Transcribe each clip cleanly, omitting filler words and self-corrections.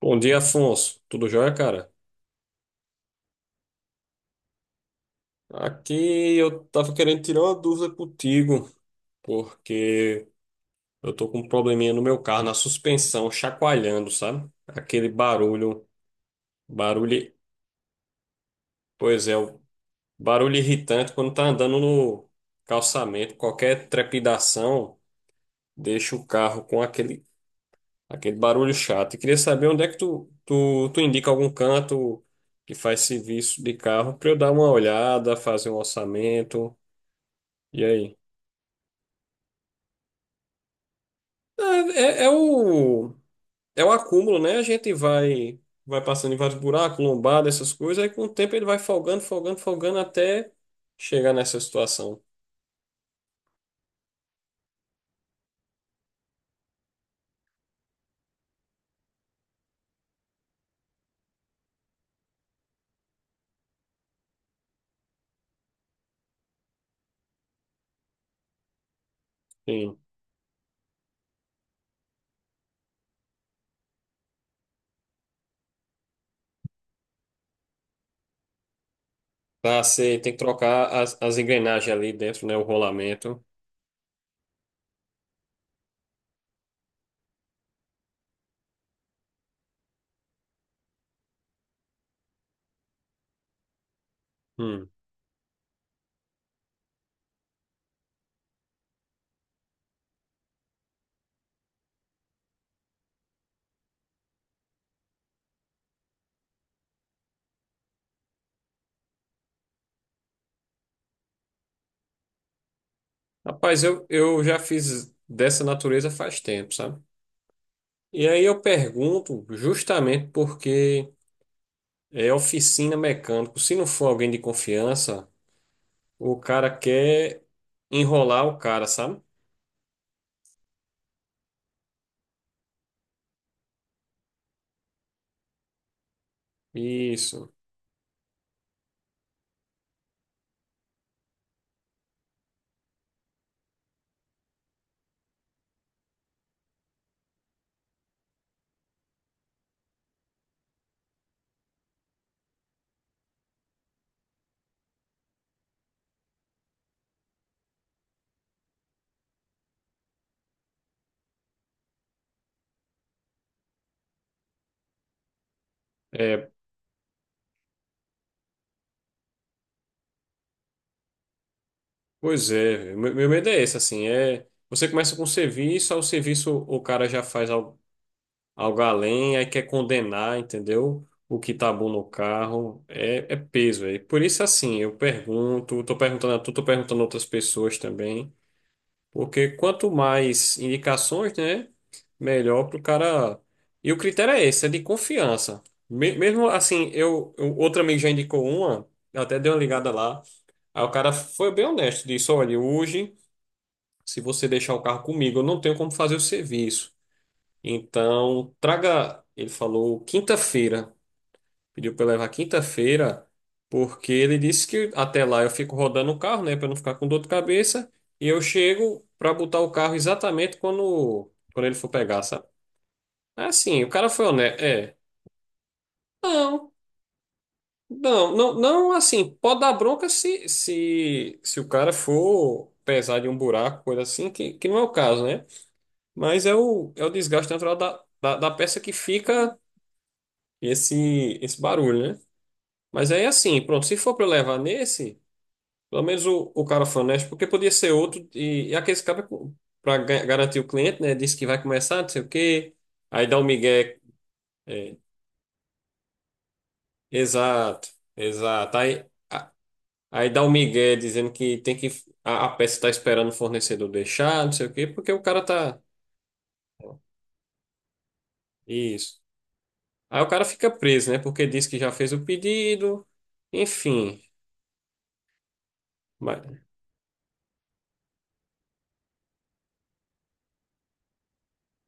Bom dia, Afonso. Tudo jóia, cara? Aqui eu tava querendo tirar uma dúvida contigo, porque eu tô com um probleminha no meu carro, na suspensão, chacoalhando, sabe? Aquele barulho, pois é, o barulho irritante quando tá andando no calçamento, qualquer trepidação deixa o carro com aquele barulho chato. E queria saber onde é que tu indica algum canto que faz serviço de carro pra eu dar uma olhada, fazer um orçamento. E aí? É, é é o, é o acúmulo, né? A gente vai passando em vários buracos, lombada, essas coisas, aí com o tempo ele vai folgando, folgando, folgando até chegar nessa situação. Sim. Pra ser, tem que trocar as engrenagens ali dentro, né? O rolamento. Hum. Rapaz, eu já fiz dessa natureza faz tempo, sabe? E aí eu pergunto justamente porque é oficina mecânico. Se não for alguém de confiança, o cara quer enrolar o cara, sabe? Isso. É, pois é, meu medo é esse, assim, é, você começa com o serviço, aí o serviço o cara já faz algo, algo além, aí quer condenar, entendeu? O que tá bom no carro, é, é peso, é. Por isso, assim, eu pergunto, tô perguntando a tu, tô perguntando a outras pessoas também. Porque quanto mais indicações, né, melhor para o cara. E o critério é esse, é de confiança. Mesmo assim, outro amigo já indicou uma, eu até dei uma ligada lá. Aí o cara foi bem honesto, disse: olha, hoje, se você deixar o carro comigo, eu não tenho como fazer o serviço. Então, traga, ele falou, quinta-feira. Pediu pra eu levar quinta-feira, porque ele disse que até lá eu fico rodando o carro, né, pra não ficar com dor de cabeça, e eu chego pra botar o carro exatamente quando ele for pegar, sabe? É. Assim, o cara foi honesto, é. Não, não, não, não assim, pode dar bronca se o cara for pesar de um buraco, coisa assim, que não é o caso, né? Mas é o desgaste natural da peça que fica esse barulho, né? Mas aí assim, pronto, se for pra eu levar nesse. Pelo menos o cara honesto, porque podia ser outro, e aqueles caras para garantir o cliente, né? Disse que vai começar, não sei o quê. Aí dá o migué. é, Exato, exato. Aí, aí dá o migué dizendo que tem que. A peça está esperando o fornecedor deixar, não sei o quê, porque o cara tá. Isso. Aí o cara fica preso, né? Porque diz que já fez o pedido. Enfim. Mas,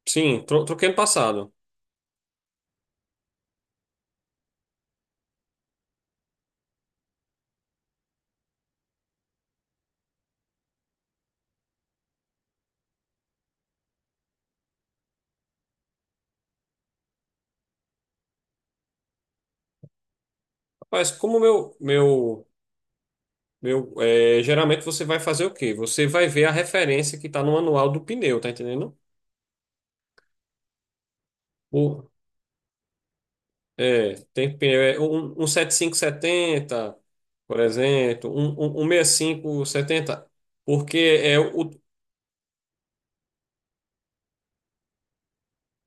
sim, troquei no passado. Rapaz, como meu, é, geralmente você vai fazer o quê? Você vai ver a referência que está no manual do pneu, tá entendendo? O, é, tem pneu, é, um 7570, por exemplo, um sessenta e cinco setenta, porque é o,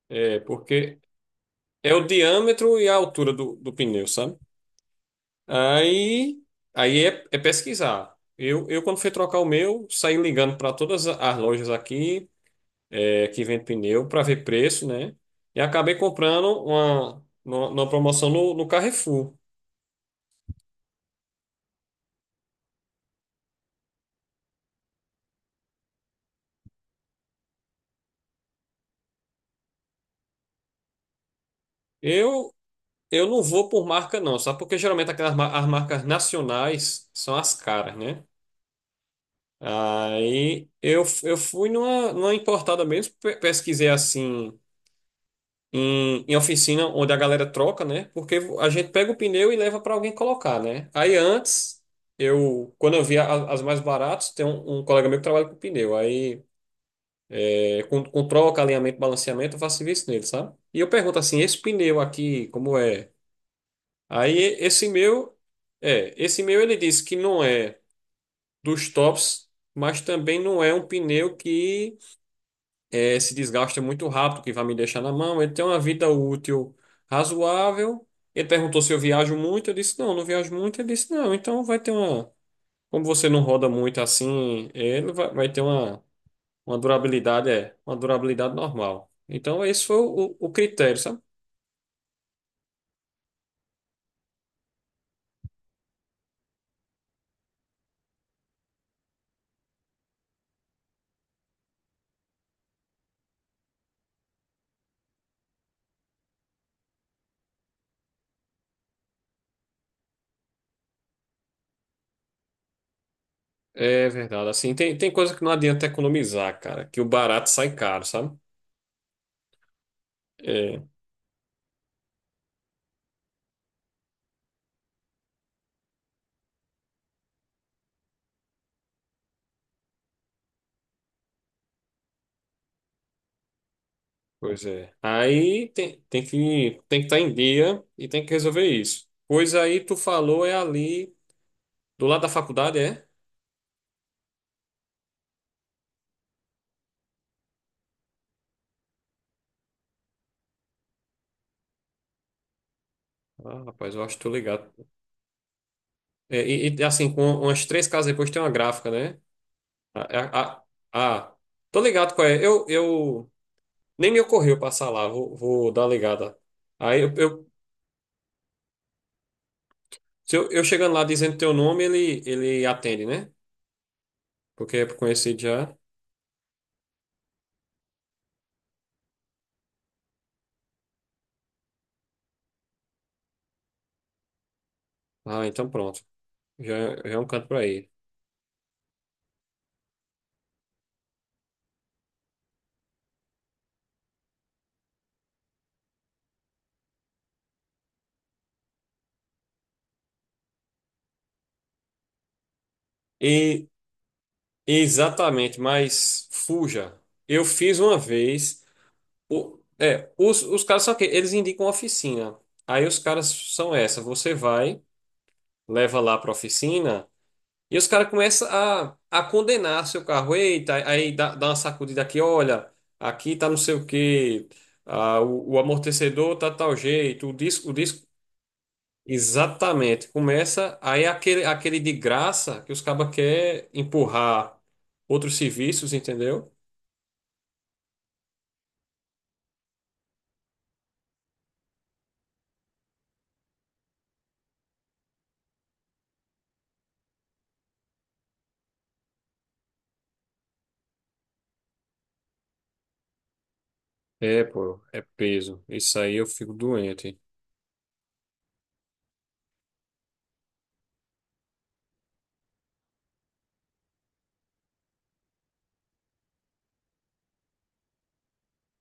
é, porque é o diâmetro e a altura do, do pneu, sabe? Aí, aí é, é pesquisar. Quando fui trocar o meu, saí ligando para todas as lojas aqui é, que vende pneu para ver preço, né? E acabei comprando uma, numa promoção no Carrefour. Eu, eu não vou por marca, não, sabe? Porque geralmente aquelas as marcas nacionais são as caras, né? Aí eu fui numa importada mesmo, pesquisei assim. Em oficina onde a galera troca, né? Porque a gente pega o pneu e leva para alguém colocar, né? Aí antes, quando eu via as mais baratas, tem um colega meu que trabalha com pneu. Aí é, controla o alinhamento, balanceamento, eu faço serviço nele, sabe? E eu pergunto assim, esse pneu aqui, como é? Aí esse meu, é, esse meu ele disse que não é dos tops, mas também não é um pneu que é, se desgasta muito rápido, que vai me deixar na mão. Ele tem uma vida útil razoável. Ele perguntou se eu viajo muito, eu disse não, não viajo muito. Ele disse não, então vai ter uma, como você não roda muito assim, é, ele vai ter uma durabilidade é uma durabilidade normal. Então, esse foi o critério, sabe? É verdade. Assim, tem coisa que não adianta economizar, cara, que o barato sai caro, sabe? É, pois é. Aí tem que estar em dia e tem que resolver isso. Pois aí tu falou é ali do lado da faculdade, é? Ah, rapaz, eu acho que tô ligado. É, e, assim, com umas três casas depois tem uma gráfica, né? Ah, ah, ah, ah, tô ligado qual é. Eu Nem me ocorreu passar lá, vou dar uma ligada. Aí, se eu chegando lá dizendo teu nome, ele atende, né? Porque é conhecido já. Ah, então pronto. Já, já é um canto pra ir. E exatamente, mas fuja. Eu fiz uma vez. O, é, os caras são que eles indicam oficina. Aí os caras são essa. Você vai, leva lá pra oficina. E os caras começam a condenar seu carro. Eita, aí dá uma sacudida aqui, olha, aqui tá não sei o quê, ah, o amortecedor tá tal jeito, o disco, o disco. Exatamente. Começa aí aquele, aquele de graça que os cabas quer empurrar outros serviços, entendeu? É, pô, é peso. Isso aí eu fico doente.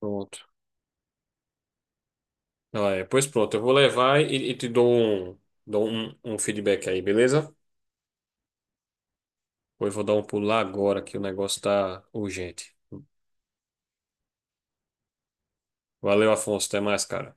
Pronto. Ah, é. Pois pronto, eu vou levar e te dou um, um feedback aí, beleza? Pois vou dar um pulo lá agora que o negócio tá urgente. Valeu, Afonso. Até mais, cara.